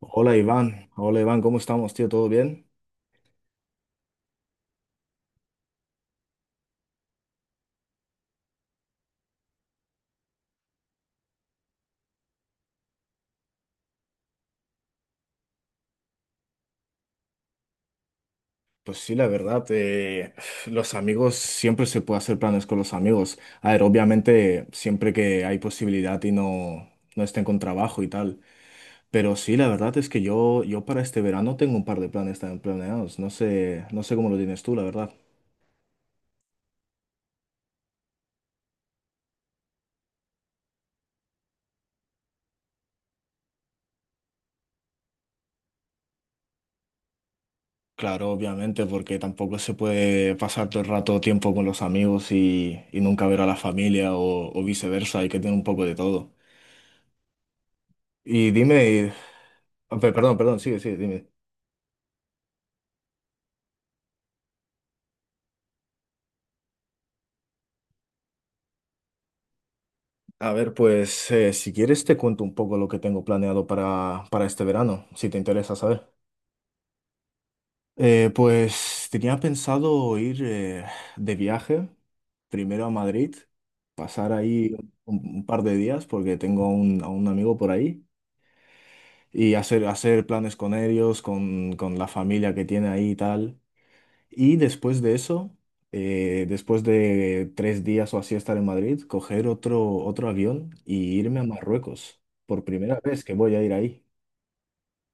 Hola Iván, ¿cómo estamos, tío? ¿Todo bien? Pues sí, la verdad, los amigos, siempre se puede hacer planes con los amigos. A ver, obviamente, siempre que hay posibilidad y no estén con trabajo y tal. Pero sí, la verdad es que yo para este verano tengo un par de planes también planeados. No sé cómo lo tienes tú, la verdad. Claro, obviamente, porque tampoco se puede pasar todo el rato tiempo con los amigos y nunca ver a la familia o viceversa, hay que tener un poco de todo. Y dime. Perdón, sigue, dime. A ver, pues si quieres te cuento un poco lo que tengo planeado para este verano, si te interesa saber. Pues tenía pensado ir de viaje, primero a Madrid, pasar ahí un par de días porque tengo a a un amigo por ahí y hacer planes con ellos, con la familia que tiene ahí y tal. Y después de eso, después de 3 días o así estar en Madrid, coger otro avión y irme a Marruecos. Por primera vez que voy a ir ahí.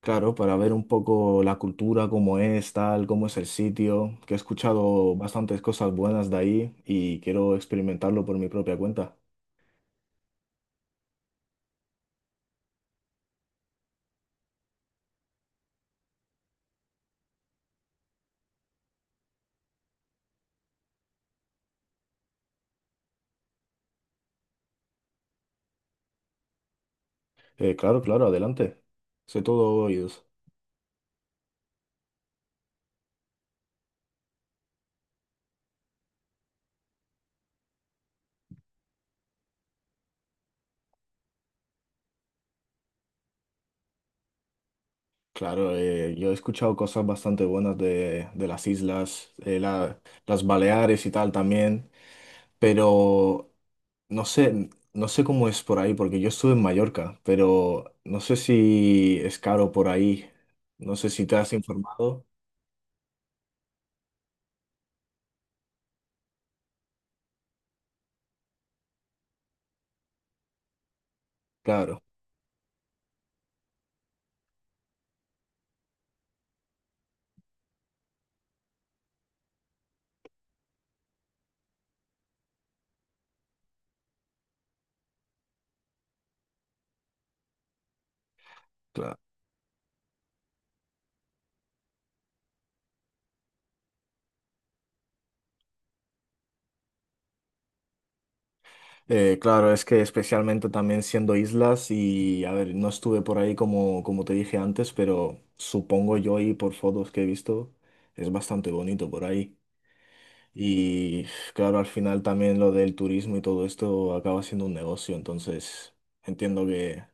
Claro, para ver un poco la cultura, cómo es, tal, cómo es el sitio, que he escuchado bastantes cosas buenas de ahí y quiero experimentarlo por mi propia cuenta. Claro, claro, adelante. Soy todo oídos. Claro, yo he escuchado cosas bastante buenas de las islas, las Baleares y tal también. Pero no sé, no sé cómo es por ahí, porque yo estuve en Mallorca, pero no sé si es caro por ahí. No sé si te has informado. Claro, claro. Claro, es que especialmente también siendo islas y, a ver, no estuve por ahí como, como te dije antes, pero supongo yo y por fotos que he visto, es bastante bonito por ahí. Y claro, al final también lo del turismo y todo esto acaba siendo un negocio, entonces entiendo que...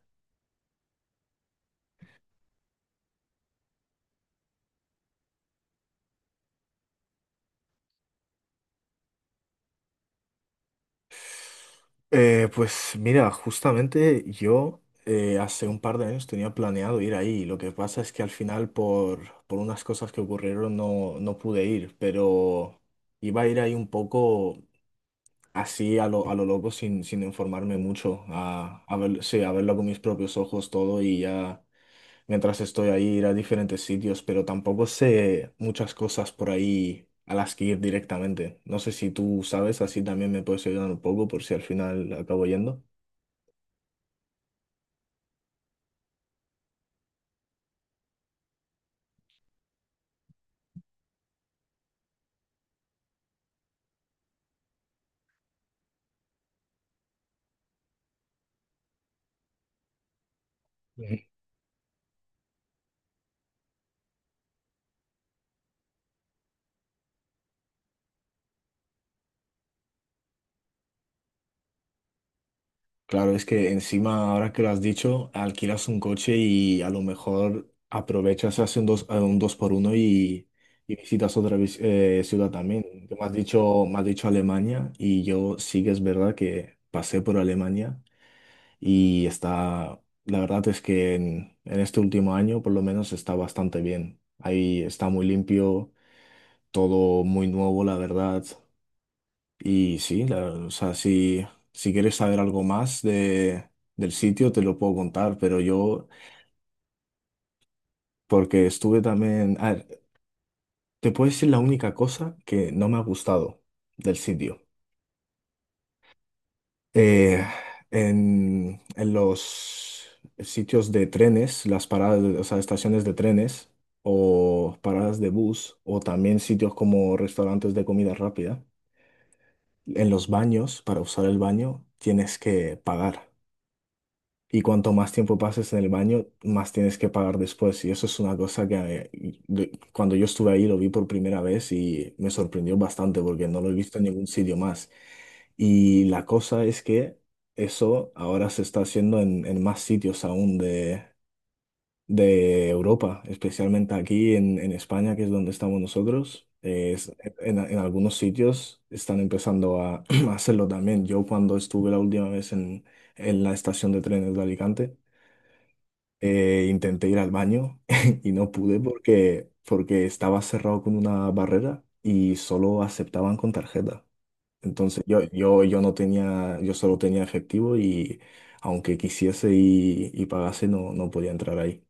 Pues mira, justamente yo hace un par de años tenía planeado ir ahí. Lo que pasa es que al final por unas cosas que ocurrieron no pude ir, pero iba a ir ahí un poco así a a lo loco sin informarme mucho, sí, a verlo con mis propios ojos todo y ya mientras estoy ahí ir a diferentes sitios, pero tampoco sé muchas cosas por ahí a las que ir directamente. No sé si tú sabes, así también me puedes ayudar un poco por si al final acabo yendo. Ujú. Claro, es que encima, ahora que lo has dicho, alquilas un coche y a lo mejor aprovechas, haces un dos por uno y ciudad también. Tú me has dicho, me has dicho Alemania y yo sí que es verdad que pasé por Alemania y está, la verdad es que en este último año por lo menos está bastante bien. Ahí está muy limpio, todo muy nuevo, la verdad. Y sí, o sea, si quieres saber algo más del sitio, te lo puedo contar, pero yo, porque estuve también... A ver, te puedo decir la única cosa que no me ha gustado del sitio. Eh, en los sitios de trenes, las paradas, o sea, estaciones de trenes o paradas de bus, o también sitios como restaurantes de comida rápida, en los baños, para usar el baño, tienes que pagar. Y cuanto más tiempo pases en el baño, más tienes que pagar después. Y eso es una cosa que cuando yo estuve ahí lo vi por primera vez y me sorprendió bastante porque no lo he visto en ningún sitio más. Y la cosa es que eso ahora se está haciendo en más sitios aún de Europa, especialmente aquí en España, que es donde estamos nosotros. En algunos sitios están empezando a, a hacerlo también. Yo cuando estuve la última vez en la estación de trenes de Alicante, intenté ir al baño y no pude porque estaba cerrado con una barrera y solo aceptaban con tarjeta. Entonces yo no tenía, yo solo tenía efectivo y aunque quisiese y pagase, no podía entrar ahí.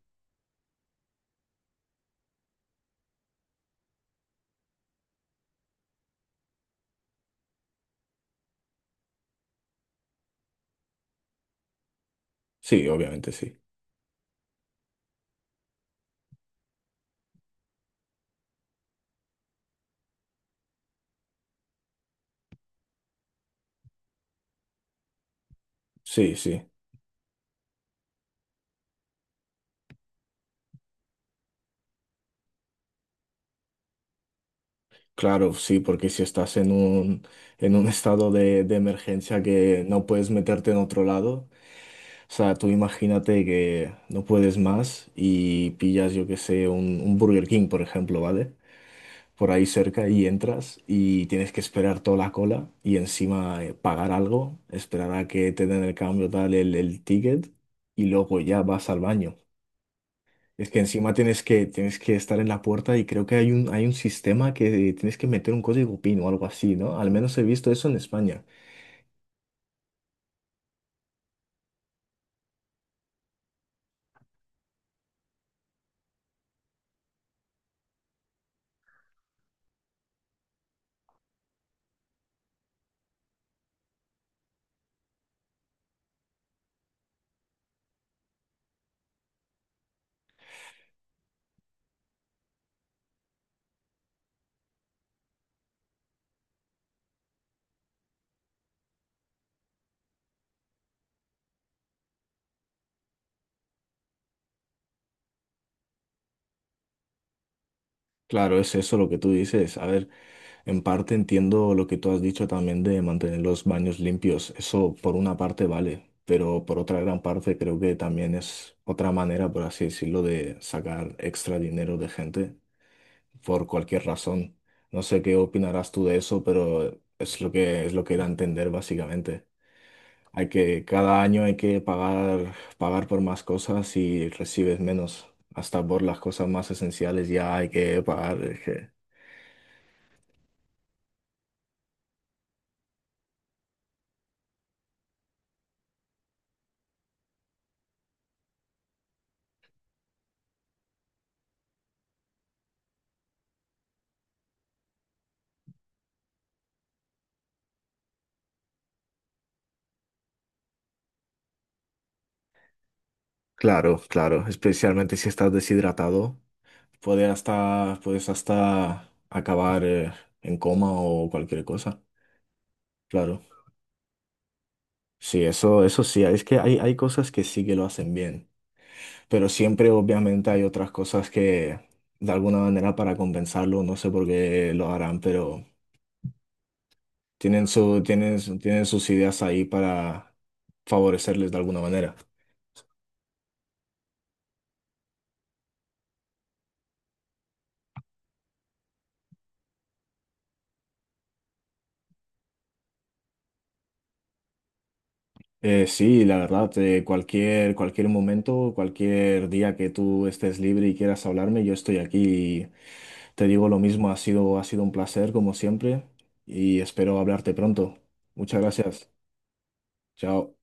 Sí, obviamente sí. Sí, sí. Claro, sí, porque si estás en en un estado de emergencia que no puedes meterte en otro lado. O sea, tú imagínate que no puedes más y pillas, yo que sé, un Burger King, por ejemplo, ¿vale? Por ahí cerca y entras y tienes que esperar toda la cola y encima pagar algo, esperar a que te den el cambio, tal, el ticket y luego ya vas al baño. Es que encima tienes tienes que estar en la puerta y creo que hay hay un sistema que tienes que meter un código PIN o algo así, ¿no? Al menos he visto eso en España. Claro, es eso lo que tú dices. A ver. En parte entiendo lo que tú has dicho también de mantener los baños limpios. Eso por una parte vale, pero por otra gran parte creo que también es otra manera, por así decirlo, de sacar extra dinero de gente por cualquier razón. No sé qué opinarás tú de eso, pero es lo que era entender básicamente. Hay que cada año hay que pagar por más cosas y recibes menos. Hasta por las cosas más esenciales ya hay que pagar. Claro, claro, especialmente si estás deshidratado, puede hasta, puedes hasta acabar en coma o cualquier cosa. Claro, sí, eso sí, es que hay cosas que sí que lo hacen bien, pero siempre obviamente hay otras cosas que de alguna manera para compensarlo, no sé por qué lo harán, pero tienen su, tienen sus ideas ahí para favorecerles de alguna manera. Sí, la verdad, cualquier, cualquier momento, cualquier día que tú estés libre y quieras hablarme, yo estoy aquí. Y te digo lo mismo, ha sido un placer como siempre y espero hablarte pronto. Muchas gracias. Chao.